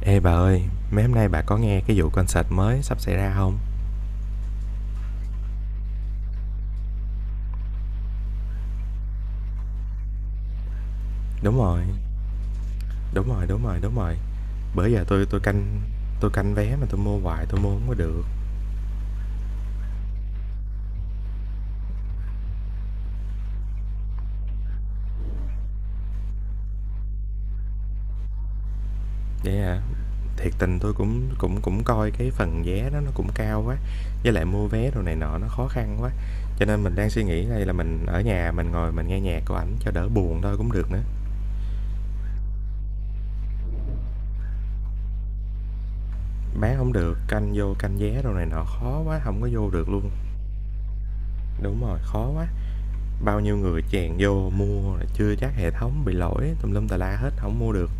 Ê bà ơi, mấy hôm nay bà có nghe cái vụ concert mới sắp xảy ra không? Đúng rồi, đúng rồi, đúng rồi. Bữa giờ tôi tôi canh vé mà tôi mua hoài tôi mua không có được. Vậy hả? Thiệt tình tôi cũng cũng cũng coi cái phần vé đó nó cũng cao quá, với lại mua vé đồ này nọ nó khó khăn quá. Cho nên mình đang suy nghĩ đây là mình ở nhà mình ngồi mình nghe nhạc của ảnh cho đỡ buồn thôi cũng được nữa. Bán không được, canh vô canh vé đồ này nọ khó quá, không có vô được luôn. Đúng rồi, khó quá. Bao nhiêu người chèn vô mua chưa chắc hệ thống bị lỗi tùm lum tà la hết, không mua được.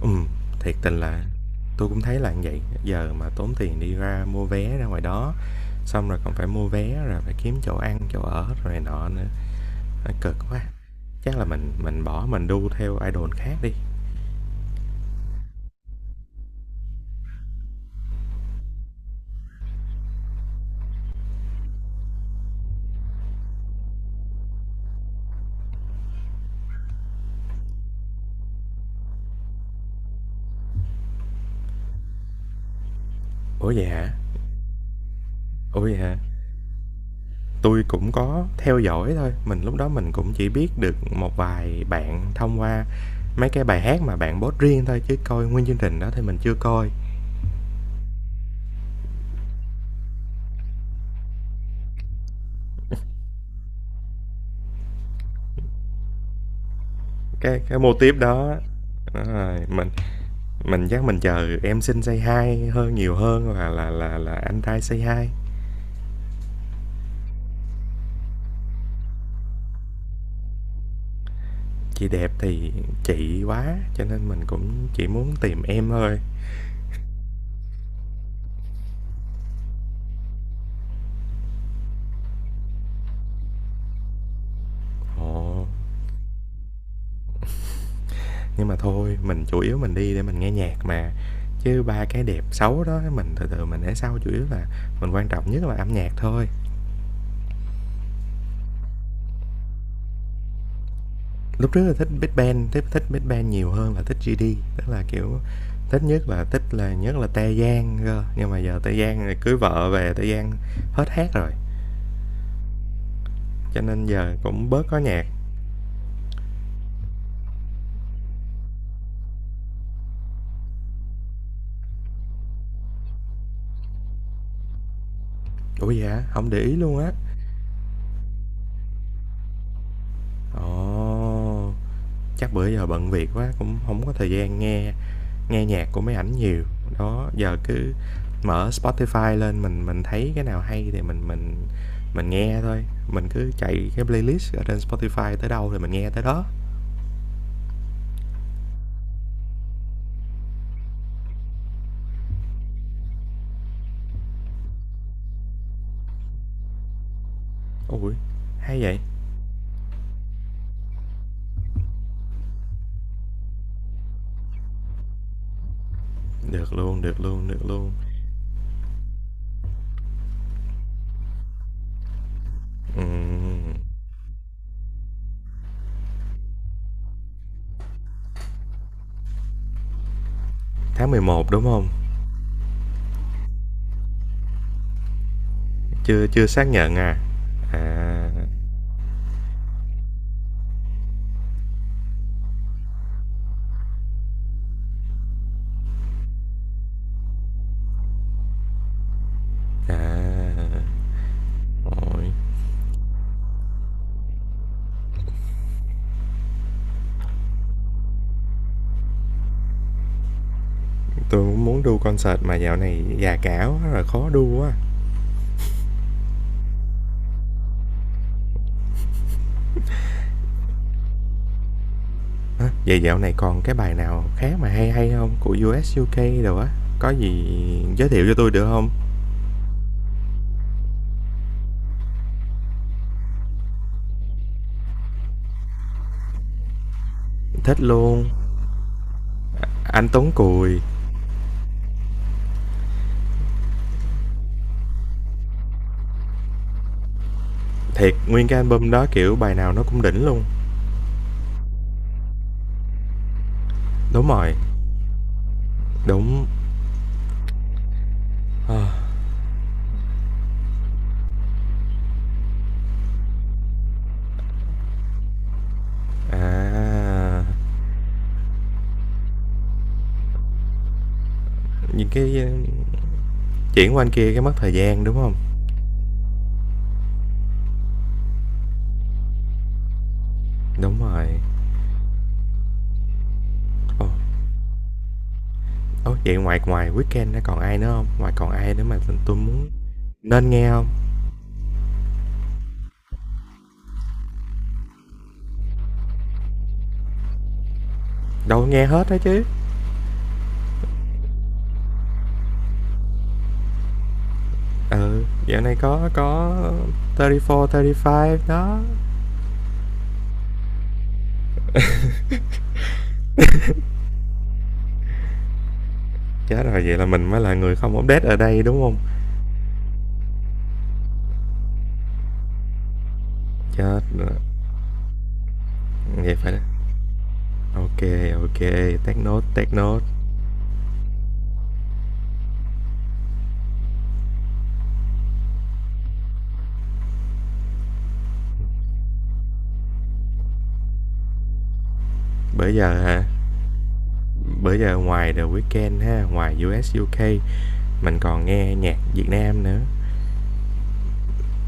Ừm, thiệt tình là tôi cũng thấy là như vậy, giờ mà tốn tiền đi ra mua vé ra ngoài đó, xong rồi còn phải mua vé rồi phải kiếm chỗ ăn, chỗ ở rồi này nọ nữa, nó cực quá. Chắc là mình bỏ mình đu theo idol khác đi. Ủa vậy hả? Ủa vậy hả? Tui cũng có theo dõi thôi, mình lúc đó mình cũng chỉ biết được một vài bạn thông qua mấy cái bài hát mà bạn post riêng thôi chứ coi nguyên chương trình đó thì mình chưa coi. Cái mô típ đó, đúng rồi, mình chắc mình chờ "Em Xinh Say Hi" hơn nhiều hơn là "Anh Trai Say Hi". "Chị Đẹp" thì chị quá, cho nên mình cũng chỉ muốn tìm em thôi. Ồ, nhưng mà thôi, mình chủ yếu mình đi để mình nghe nhạc mà, chứ ba cái đẹp xấu đó mình từ từ mình để sau, chủ yếu là mình quan trọng nhất là âm nhạc thôi. Lúc trước là thích Big Bang, thích thích Big Bang nhiều hơn là thích GD, tức là, kiểu, thích nhất là Tae Yang cơ, nhưng mà giờ Tae Yang cưới vợ về, Tae Yang hết hát rồi, cho nên giờ cũng bớt có nhạc. Ủa dạ không để ý luôn á. Ồ, chắc bữa giờ bận việc quá cũng không có thời gian nghe nghe nhạc của mấy ảnh nhiều. Đó, giờ cứ mở Spotify lên mình thấy cái nào hay thì mình nghe thôi, mình cứ chạy cái playlist ở trên Spotify tới đâu thì mình nghe tới đó. Ôi, hay vậy! Được luôn, được luôn, được luôn. Ừm, tháng mười một đúng không? Chưa chưa xác nhận à? À, à, ôi, tôi cũng muốn đu concert mà dạo này già cả quá rồi khó đu quá. Vậy dạo này còn cái bài nào khác mà hay hay không? Của U.S. u UK đồ á, có gì giới thiệu cho tôi được không? Thích luôn, anh Tuấn Cùi, thiệt nguyên cái album đó, kiểu, bài nào nó cũng đỉnh luôn. Đúng rồi, đúng. À. Những cái, chuyển qua anh kia cái mất thời gian, đúng không? Đúng rồi. Ồ, ố, vậy ngoài ngoài Weekend ra còn ai nữa không? Ngoài còn ai nữa mà tôi muốn nên nghe không? Đâu, nghe hết đó chứ. Ừ, dạo này có 34, 35 đó. Chết rồi, vậy là mình mới là người không update ở đây, đúng không? Chết rồi, vậy phải ô ok, ô kê, take note, take note. Bữa giờ hả? Bây giờ ngoài The Weeknd ha, ngoài US, UK, mình còn nghe nhạc Việt Nam nữa.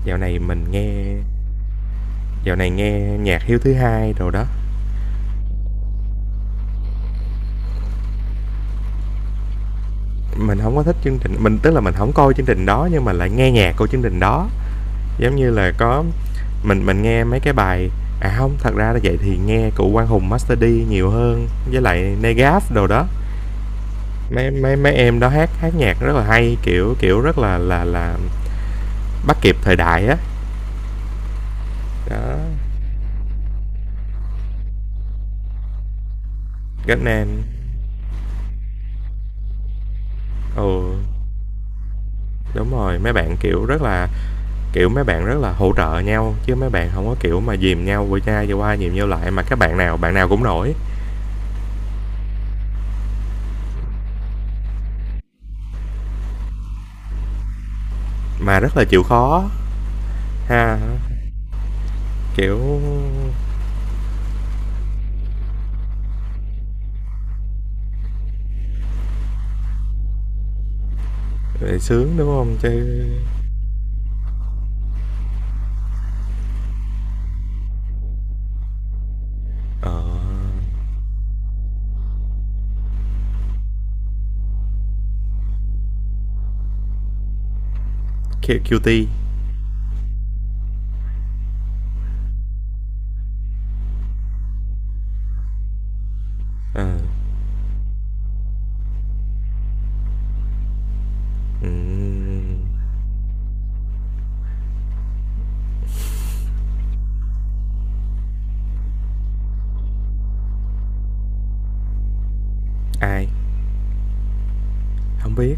Dạo này mình nghe dạo này nghe nhạc Hiếu thứ hai rồi đó, mình không có thích chương trình, mình tức là mình không coi chương trình đó nhưng mà lại nghe nhạc của chương trình đó. Giống như là có mình nghe mấy cái bài à không, thật ra là vậy thì nghe của Quang Hùng, Master D nhiều hơn, với lại Negaf đồ đó. Mấy mấy mấy em đó hát hát nhạc rất là hay, kiểu, kiểu, rất là bắt kịp thời đại á. Đó, Ghét Nam, ừ, đúng rồi, mấy bạn, kiểu, rất là. Kiểu, mấy bạn rất là hỗ trợ nhau, chứ mấy bạn không có, kiểu, mà dìm nhau qua chai vừa qua dìm nhau lại, mà các bạn nào cũng nổi, mà rất là chịu khó ha. Kiểu, sướng, đúng không? Chứ ờ, Cutie, ờ, ừm, ai? Không biết.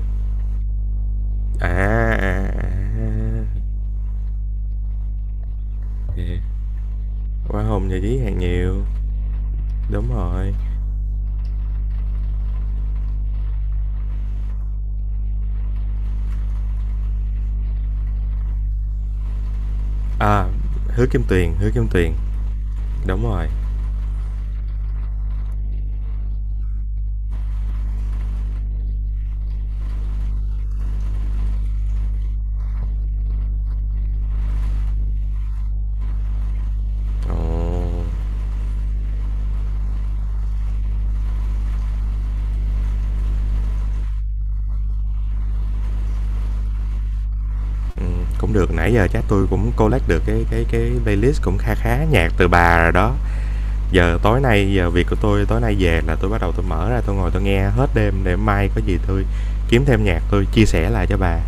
À, à, à, yeah, Hoa giải trí hàng nhiều, đúng rồi. À, Hứa Kim Tuyền, Hứa Kim Tuyền, đúng rồi. Ồ. Cũng được, nãy giờ chắc tôi cũng collect được cái playlist cũng kha khá nhạc từ bà rồi đó. Giờ tối nay giờ việc của tôi tối nay về là tôi bắt đầu tôi mở ra tôi ngồi tôi nghe hết đêm để mai có gì tôi kiếm thêm nhạc tôi chia sẻ lại cho bà.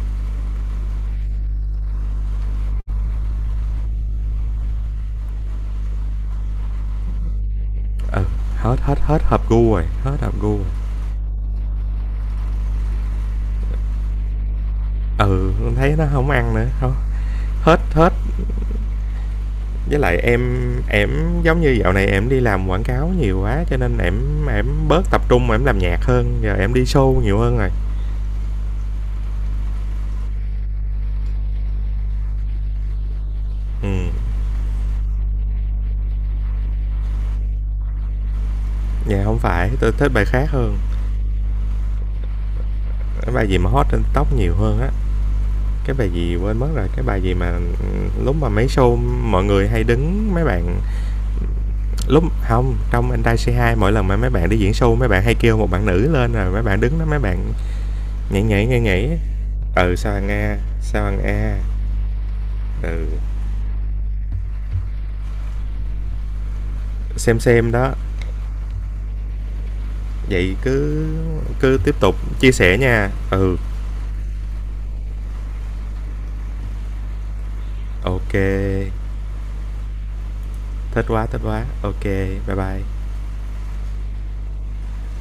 Ừ, hết hết hết hợp gu rồi, hết hợp gu rồi. Ừ, thấy nó không ăn nữa, hông hết hết. Với lại em giống như dạo này em đi làm quảng cáo nhiều quá cho nên em bớt tập trung mà em làm nhạc hơn, giờ em đi show nhiều hơn rồi. Ừm, dạ hổng phải, tôi thích bài khác hơn. Cái bài gì mà hot trên tóc nhiều hơn á, cái bài gì quên mất rồi, cái bài gì mà, lúc mà mấy show mọi người hay đứng mấy bạn lúc không trong Anh Trai Say Hi mỗi lần mà mấy bạn đi diễn show mấy bạn hay kêu một bạn nữ lên rồi mấy bạn đứng đó mấy bạn nhảy nhảy á. Ừ, Sao Hằng A, Sao Hằng A, ừ, Xem đó, vậy cứ cứ tiếp tục chia sẻ nha. Ừ, ok, thích quá, ok, bye bye.